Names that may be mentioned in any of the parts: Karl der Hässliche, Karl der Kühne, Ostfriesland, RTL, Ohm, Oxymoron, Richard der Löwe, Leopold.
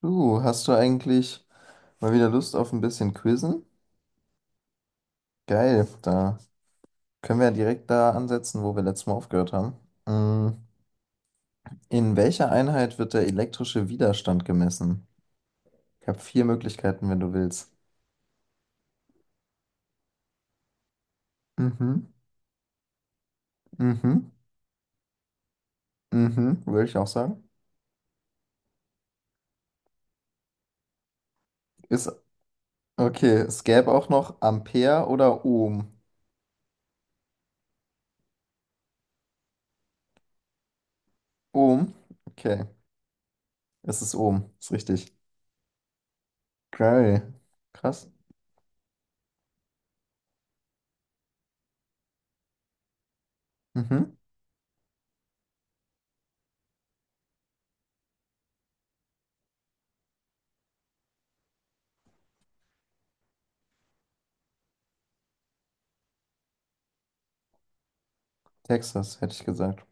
Du, hast du eigentlich mal wieder Lust auf ein bisschen Quizzen? Geil, da können wir ja direkt da ansetzen, wo wir letztes Mal aufgehört haben. Mm, In welcher Einheit wird der elektrische Widerstand gemessen? Ich habe vier Möglichkeiten, wenn du willst. Mhm. Mhm. Mhm, würde ich auch sagen. Ist, okay, es gäbe auch noch Ampere oder Ohm. Ohm? Okay, es ist Ohm, ist richtig. Geil, krass. Mhm. Texas, hätte ich gesagt.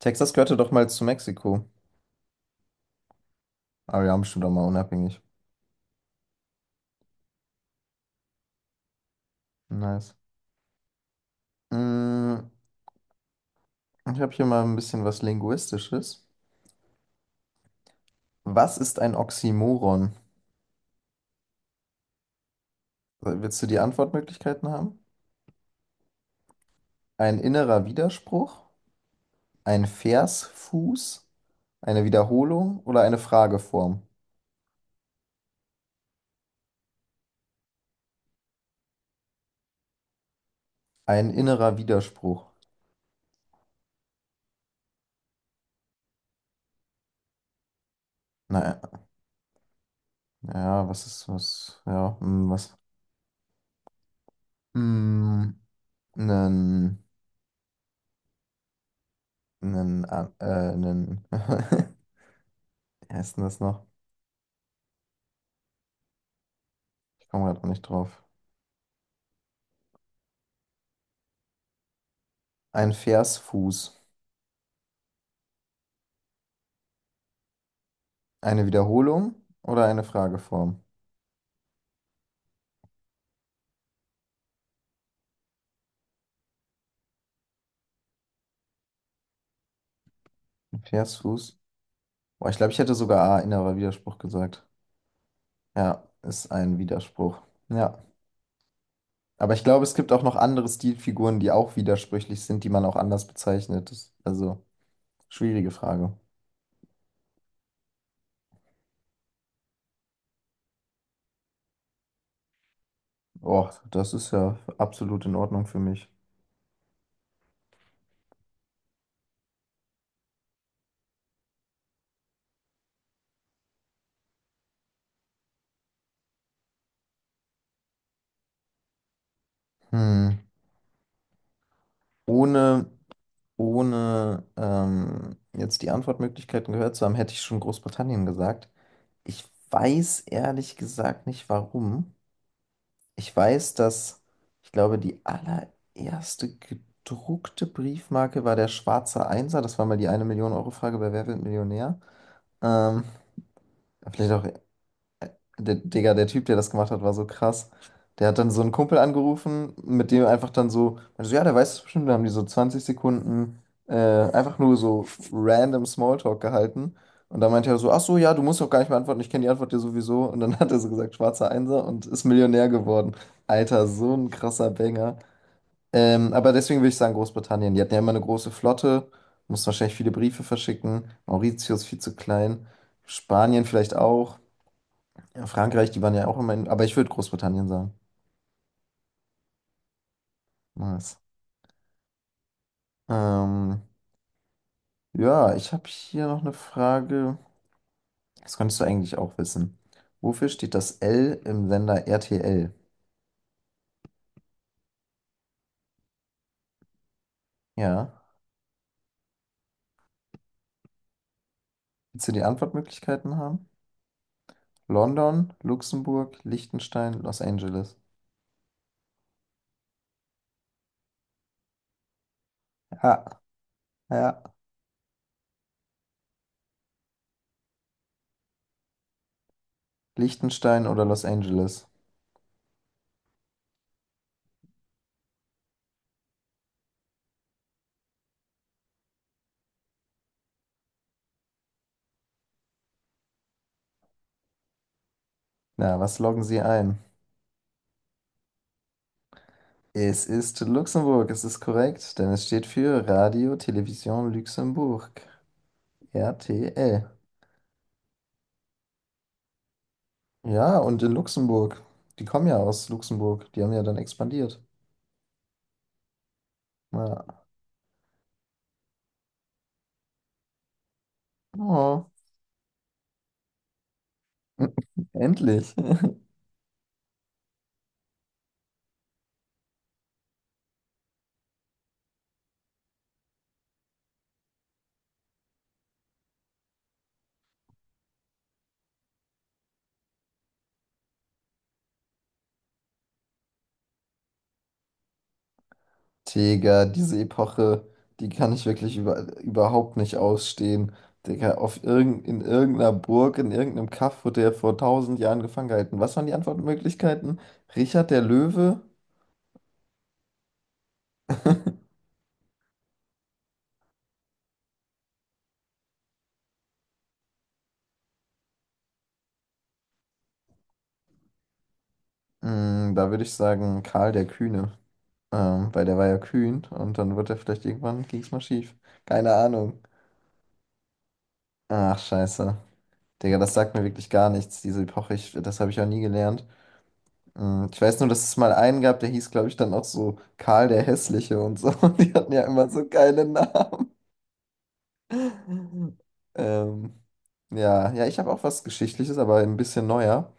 Texas gehörte doch mal zu Mexiko. Aber wir haben bestimmt auch mal unabhängig. Nice. Mm, Ich habe hier mal ein bisschen was Linguistisches. Was ist ein Oxymoron? Willst du die Antwortmöglichkeiten haben? Ein innerer Widerspruch, ein Versfuß, eine Wiederholung oder eine Frageform? Ein innerer Widerspruch. Naja, ja, was ist was? Ja, was? Hm, nen, nen. Wie heißt denn das noch? Ich komme gerade auch nicht drauf. Ein Versfuß. Eine Wiederholung oder eine Frageform? Versus. Boah, ich glaube, ich hätte sogar A, innerer Widerspruch gesagt. Ja, ist ein Widerspruch. Ja. Aber ich glaube, es gibt auch noch andere Stilfiguren, die auch widersprüchlich sind, die man auch anders bezeichnet. Also, schwierige Frage. Boah, das ist ja absolut in Ordnung für mich. Hm. Ohne, ohne jetzt die Antwortmöglichkeiten gehört zu haben, hätte ich schon Großbritannien gesagt. Ich weiß ehrlich gesagt nicht, warum. Ich weiß, dass, Ich glaube, die allererste gedruckte Briefmarke war der schwarze Einser. Das war mal die eine Million Euro Frage bei Wer wird Millionär? Ähm, ja, vielleicht auch Digga, der Typ, der das gemacht hat, war so krass. Der hat dann so einen Kumpel angerufen, mit dem einfach dann so, also ja, der weiß es bestimmt, da haben die so 20 Sekunden einfach nur so random Smalltalk gehalten. Und dann meinte er so, ach so, ja, du musst doch gar nicht mehr antworten, ich kenne die Antwort ja sowieso. Und dann hat er so gesagt, schwarzer Einser und ist Millionär geworden. Alter, so ein krasser Banger. Aber deswegen würde ich sagen, Großbritannien. Die hatten ja immer eine große Flotte, mussten wahrscheinlich viele Briefe verschicken. Mauritius viel zu klein. Spanien vielleicht auch. Ja, Frankreich, die waren ja auch immer in, aber ich würde Großbritannien sagen. Nice. Ähm, ja, ich habe hier noch eine Frage. Das könntest du eigentlich auch wissen. Wofür steht das L im Sender RTL? Ja. Willst du die Antwortmöglichkeiten haben? London, Luxemburg, Liechtenstein, Los Angeles. Ja, ja. Liechtenstein oder Los Angeles? Na, was loggen Sie ein? Es ist Luxemburg, es ist korrekt, denn es steht für Radio Television Luxemburg, RTL. Ja, und in Luxemburg. Die kommen ja aus Luxemburg. Die haben ja dann expandiert. Ja. Oh. Endlich. Digga, diese Epoche, die kann ich wirklich überhaupt nicht ausstehen. Digga, in irgendeiner Burg, in irgendeinem Kaff wurde er vor tausend Jahren gefangen gehalten. Was waren die Antwortmöglichkeiten? Richard der Löwe? Da würde ich sagen, Karl der Kühne. Weil der war ja kühn und dann wird er vielleicht irgendwann, ging es mal schief. Keine Ahnung. Ach, scheiße. Digga, das sagt mir wirklich gar nichts, diese Epoche. Das habe ich auch nie gelernt. Ich weiß nur, dass es mal einen gab, der hieß, glaube ich, dann auch so Karl der Hässliche und so. Und die hatten ja immer so geile Namen. Ähm, ja, ja, ich habe auch was Geschichtliches, aber ein bisschen neuer.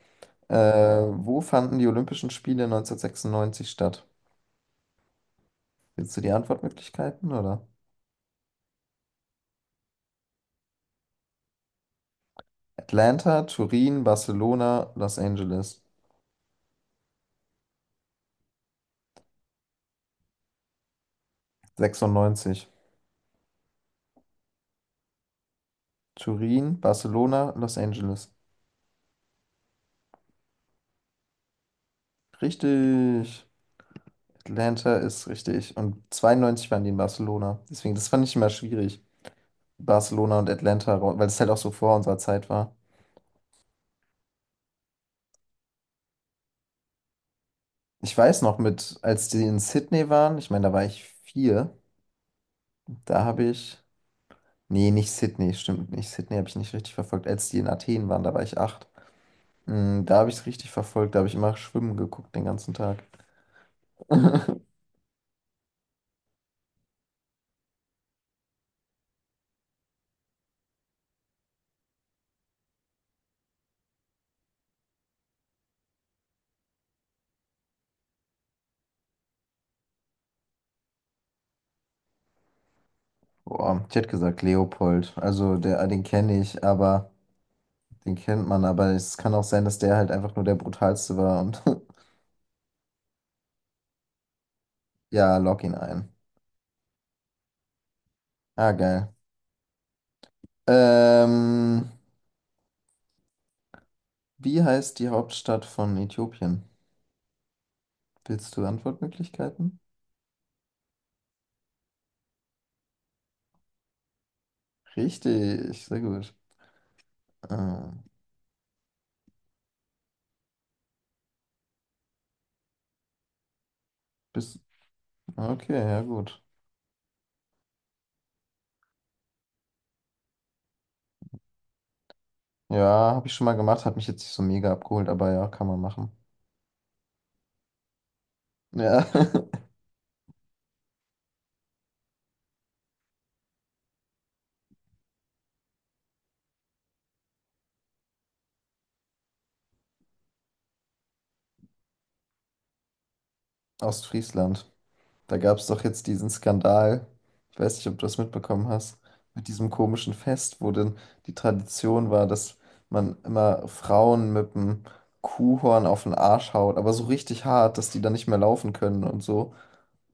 Wo fanden die Olympischen Spiele 1996 statt? Willst du die Antwortmöglichkeiten, oder? Atlanta, Turin, Barcelona, Los Angeles. 96. Turin, Barcelona, Los Angeles. Richtig. Atlanta ist richtig. Und 92 waren die in Barcelona. Deswegen, das fand ich immer schwierig. Barcelona und Atlanta, weil es halt auch so vor unserer Zeit war. Ich weiß noch mit, als die in Sydney waren, ich meine, da war ich 4, da habe ich, nee, nicht Sydney, stimmt nicht. Sydney habe ich nicht richtig verfolgt. Als die in Athen waren, da war ich 8. Da habe ich es richtig verfolgt, da habe ich immer schwimmen geguckt den ganzen Tag. Boah, ich hätte gesagt Leopold. Also der, den kenne ich, aber den kennt man, aber es kann auch sein, dass der halt einfach nur der brutalste war und Ja, log ihn ein. Ah, geil. Ähm, Wie heißt die Hauptstadt von Äthiopien? Willst du Antwortmöglichkeiten? Richtig, sehr gut. Ähm, bist, okay, ja gut. Ja, habe ich schon mal gemacht, hat mich jetzt nicht so mega abgeholt, aber ja, kann man machen. Ja, Ostfriesland. Da gab es doch jetzt diesen Skandal, ich weiß nicht, ob du das mitbekommen hast, mit diesem komischen Fest, wo denn die Tradition war, dass man immer Frauen mit dem Kuhhorn auf den Arsch haut, aber so richtig hart, dass die dann nicht mehr laufen können und so.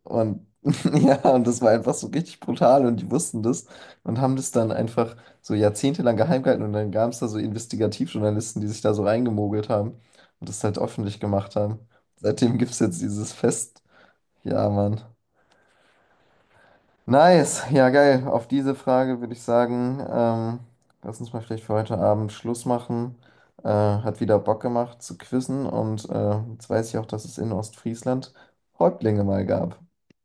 Und ja, und das war einfach so richtig brutal und die wussten das und haben das dann einfach so jahrzehntelang geheim gehalten und dann gab es da so Investigativjournalisten, die sich da so reingemogelt haben und das halt öffentlich gemacht haben. Seitdem gibt es jetzt dieses Fest. Ja, Mann. Nice, ja geil. Auf diese Frage würde ich sagen, lass uns mal vielleicht für heute Abend Schluss machen. Hat wieder Bock gemacht zu quizzen und jetzt weiß ich auch, dass es in Ostfriesland Häuptlinge mal gab.